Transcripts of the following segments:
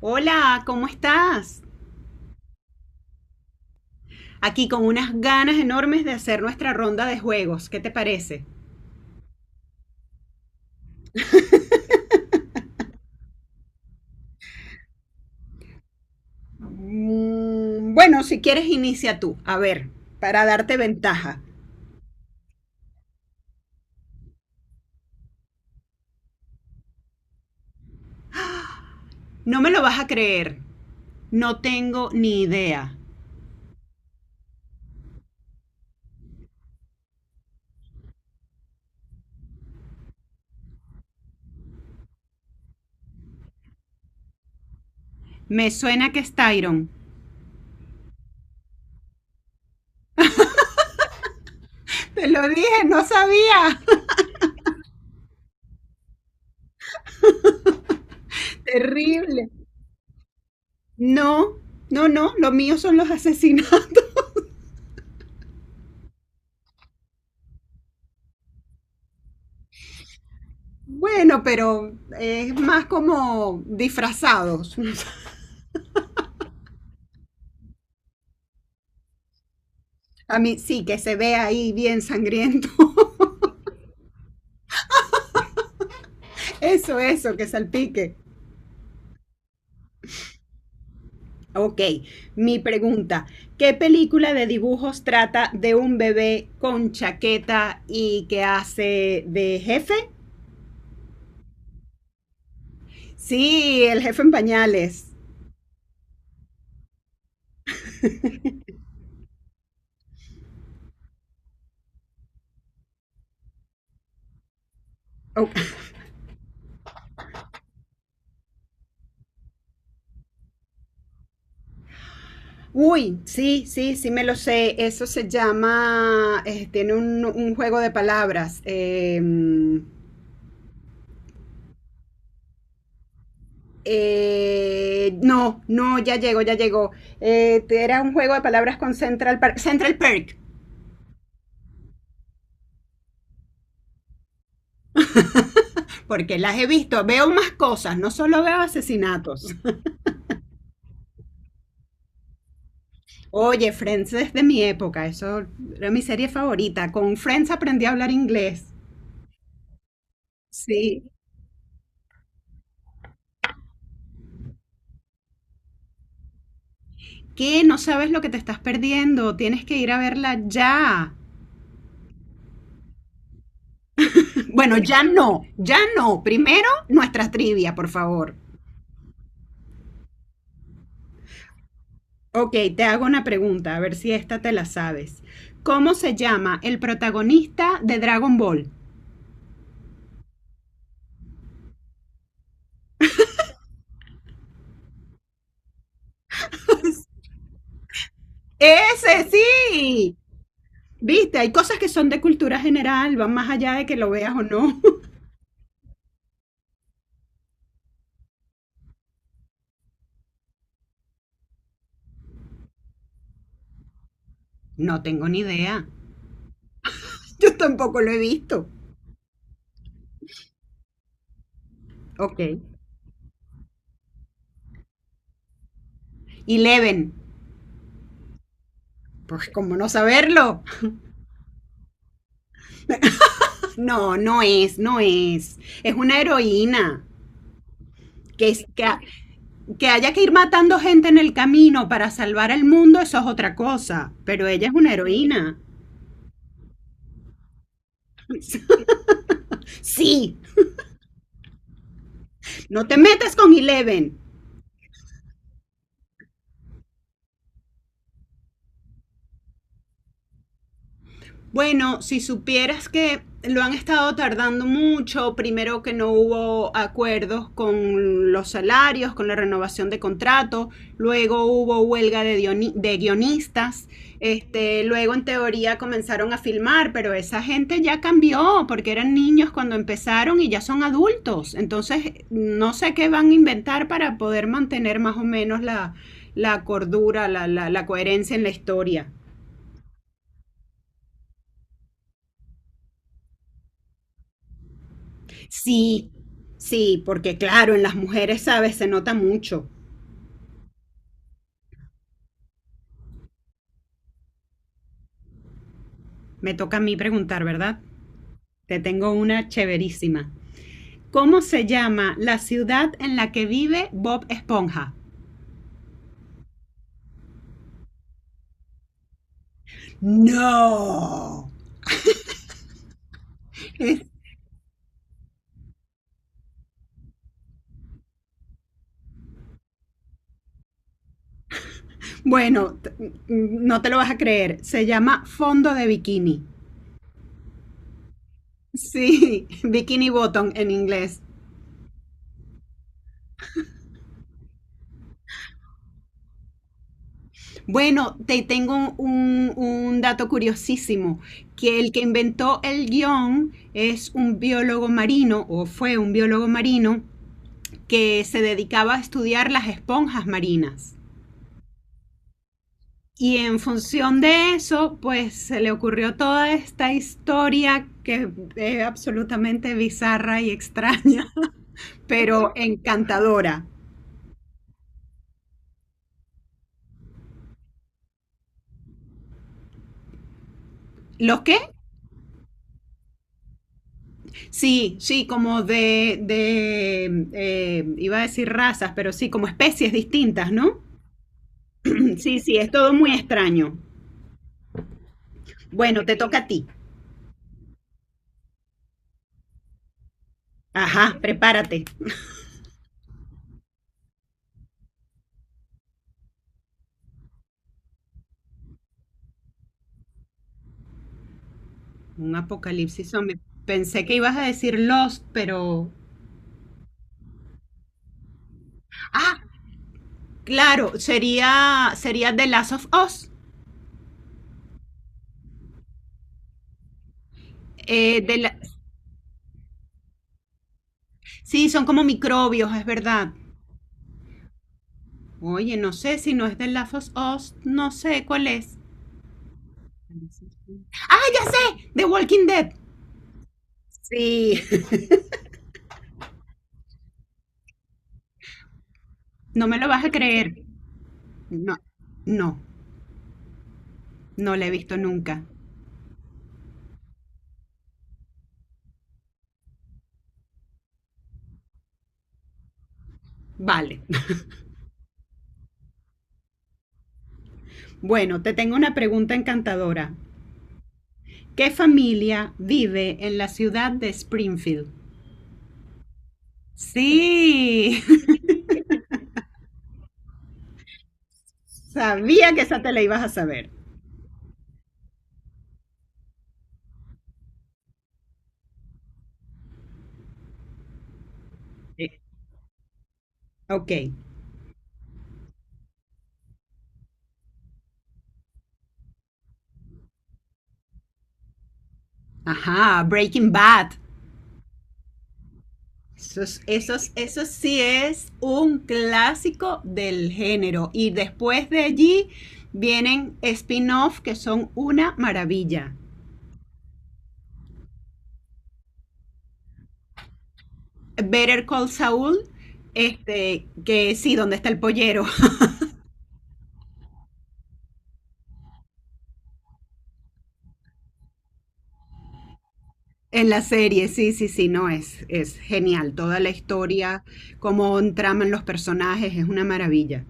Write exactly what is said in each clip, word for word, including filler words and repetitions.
Hola, ¿cómo estás? Aquí con unas ganas enormes de hacer nuestra ronda de juegos. ¿Qué te parece? Mm, Bueno, si quieres, inicia tú. A ver, para darte ventaja. No me lo vas a creer. No tengo ni idea. Me suena que es Tyron. Te lo dije, no sabía. Terrible. No, no, no, lo mío son los asesinatos. Bueno, pero es más como disfrazados. A mí sí, que se ve ahí bien sangriento. Eso, eso, que salpique. Ok, mi pregunta, ¿qué película de dibujos trata de un bebé con chaqueta y que hace de jefe? Sí, el jefe en pañales. Oh, uy, sí, sí, sí me lo sé. Eso se llama, eh, tiene un, un juego de palabras. Eh, eh, no, no, ya llegó, ya llegó. Eh, era un juego de palabras con Central Park. Central Perk. Porque las he visto, veo más cosas, no solo veo asesinatos. Oye, Friends es de mi época, eso era mi serie favorita. Con Friends aprendí a hablar inglés. Sí. ¿Qué? No sabes lo que te estás perdiendo, tienes que ir a verla ya. Bueno, ya no, ya no. Primero, nuestra trivia, por favor. Ok, te hago una pregunta, a ver si esta te la sabes. ¿Cómo se llama el protagonista de Dragon Ball? Ese sí. Viste, hay cosas que son de cultura general, van más allá de que lo veas o no. No tengo ni idea. Yo tampoco lo he visto. Ok. Eleven. Pues como no saberlo. No, no es, no es. Es una heroína. Que, es- que, ha- que haya que ir matando gente en el camino para salvar el mundo, eso es otra cosa. Pero ella es una heroína. Sí, no te metas con Eleven. Bueno, si supieras que lo han estado tardando mucho, primero que no hubo acuerdos con los salarios, con la renovación de contrato, luego hubo huelga de, de guionistas, este, luego en teoría comenzaron a filmar, pero esa gente ya cambió porque eran niños cuando empezaron y ya son adultos, entonces no sé qué van a inventar para poder mantener más o menos la, la cordura, la, la, la coherencia en la historia. Sí, sí, porque claro, en las mujeres, sabes, se nota mucho. Me toca a mí preguntar, ¿verdad? Te tengo una chéverísima. ¿Cómo se llama la ciudad en la que vive Bob Esponja? No. Eh, Bueno, t- mm, no te lo vas a creer. Se llama fondo de bikini. Sí, bikini bottom en inglés. Bueno, te tengo un, un dato curiosísimo, que el que inventó el guión es un biólogo marino, o fue un biólogo marino, que se dedicaba a estudiar las esponjas marinas. Y en función de eso, pues se le ocurrió toda esta historia que es absolutamente bizarra y extraña, pero encantadora. ¿Lo qué? Sí, sí, como de, de eh, iba a decir razas, pero sí, como especies distintas, ¿no? Sí, sí, es todo muy extraño. Bueno, te toca a ti. Ajá, prepárate. Un apocalipsis zombie. Pensé que ibas a decir Lost, pero... Ah, claro, sería, sería The Last of Us. Eh, de la- Sí, son como microbios, es verdad. Oye, no sé si no es The Last of Us, no sé cuál es. The Walking Dead. Sí. No me lo vas a creer. No, no, no la he visto nunca. Vale. Bueno, te tengo una pregunta encantadora. ¿Qué familia vive en la ciudad de Springfield? Sí, sabía que esa te la ibas a saber. Eh, Ok. Ajá, Breaking Bad. Eso, es- eso es- eso sí es un clásico del género. Y después de allí vienen spin-off que son una maravilla. Better Call Saul, este, que sí, donde está el pollero en la serie, sí, sí, sí, no, es, es genial. Toda la historia, cómo traman los personajes, es una maravilla.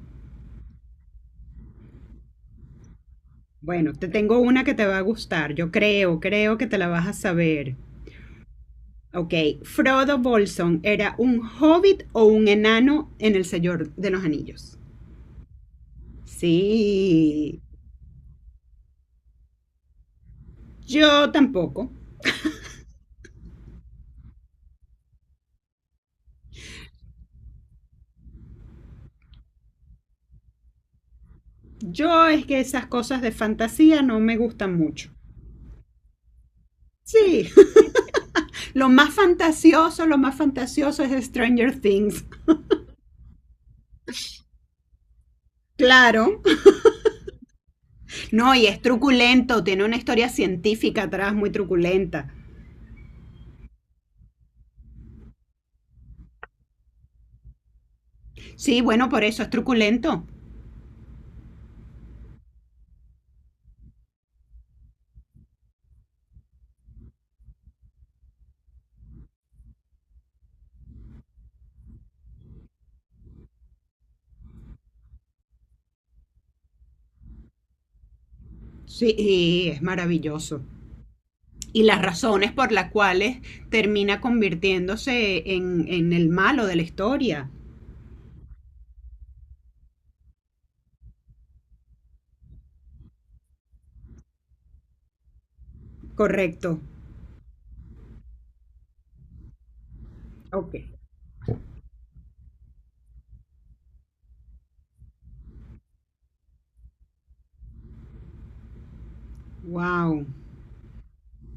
Bueno, te tengo una que te va a gustar, yo creo, creo que te la vas a saber. Ok, Frodo Bolson, ¿era un hobbit o un enano en el Señor de los Anillos? Sí, yo tampoco. Yo es que esas cosas de fantasía no me gustan mucho. Sí, lo más fantasioso, lo más fantasioso es Stranger Things. Claro. No, y es truculento, tiene una historia científica atrás muy truculenta. Sí, bueno, por eso es truculento. Sí, y es maravilloso. Y las razones por las cuales termina convirtiéndose en, en el malo de la historia. Correcto. Ok. Wow.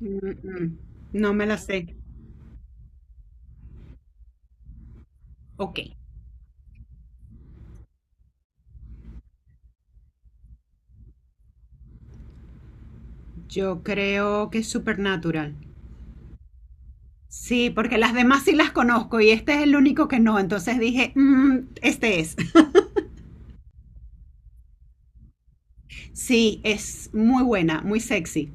Mm, mm. No me la sé. Ok. Yo creo que es Supernatural. Sí, porque las demás sí las conozco y este es el único que no. Entonces dije, "Mm, este es". Sí, es muy buena, muy sexy.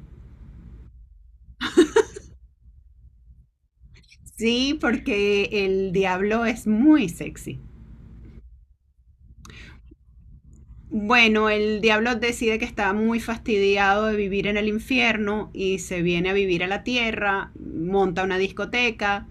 Sí, porque el diablo es muy sexy. Bueno, el diablo decide que está muy fastidiado de vivir en el infierno y se viene a vivir a la tierra, monta una discoteca,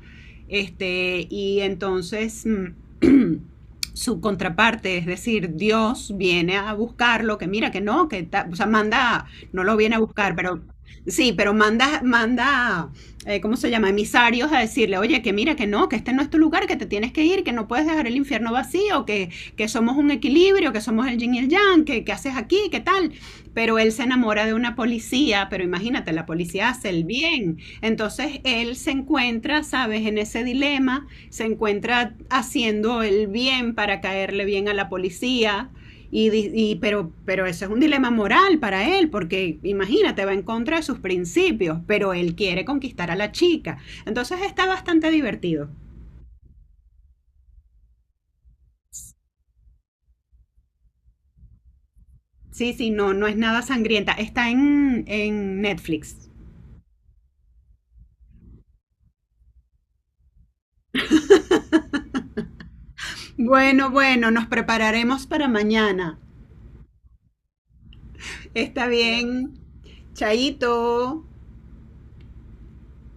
este, y entonces mm, su contraparte, es decir, Dios viene a buscarlo, que mira que no, que ta- o sea, manda, no lo viene a buscar, pero sí, pero manda, manda, eh, ¿cómo se llama? Emisarios a decirle, oye, que mira que no, que este no es tu lugar, que te tienes que ir, que no puedes dejar el infierno vacío, que que somos un equilibrio, que somos el yin y el yang, que, que haces aquí, qué tal. Pero él se enamora de una policía, pero imagínate, la policía hace el bien. Entonces él se encuentra, sabes, en ese dilema, se encuentra haciendo el bien para caerle bien a la policía. Y, y, pero, pero eso es un dilema moral para él, porque imagínate, va en contra de sus principios, pero él quiere conquistar a la chica. Entonces está bastante divertido. Sí, sí, no, no es nada sangrienta. Está en, en Netflix. Bueno, bueno, nos prepararemos para mañana. Está bien. Chaito.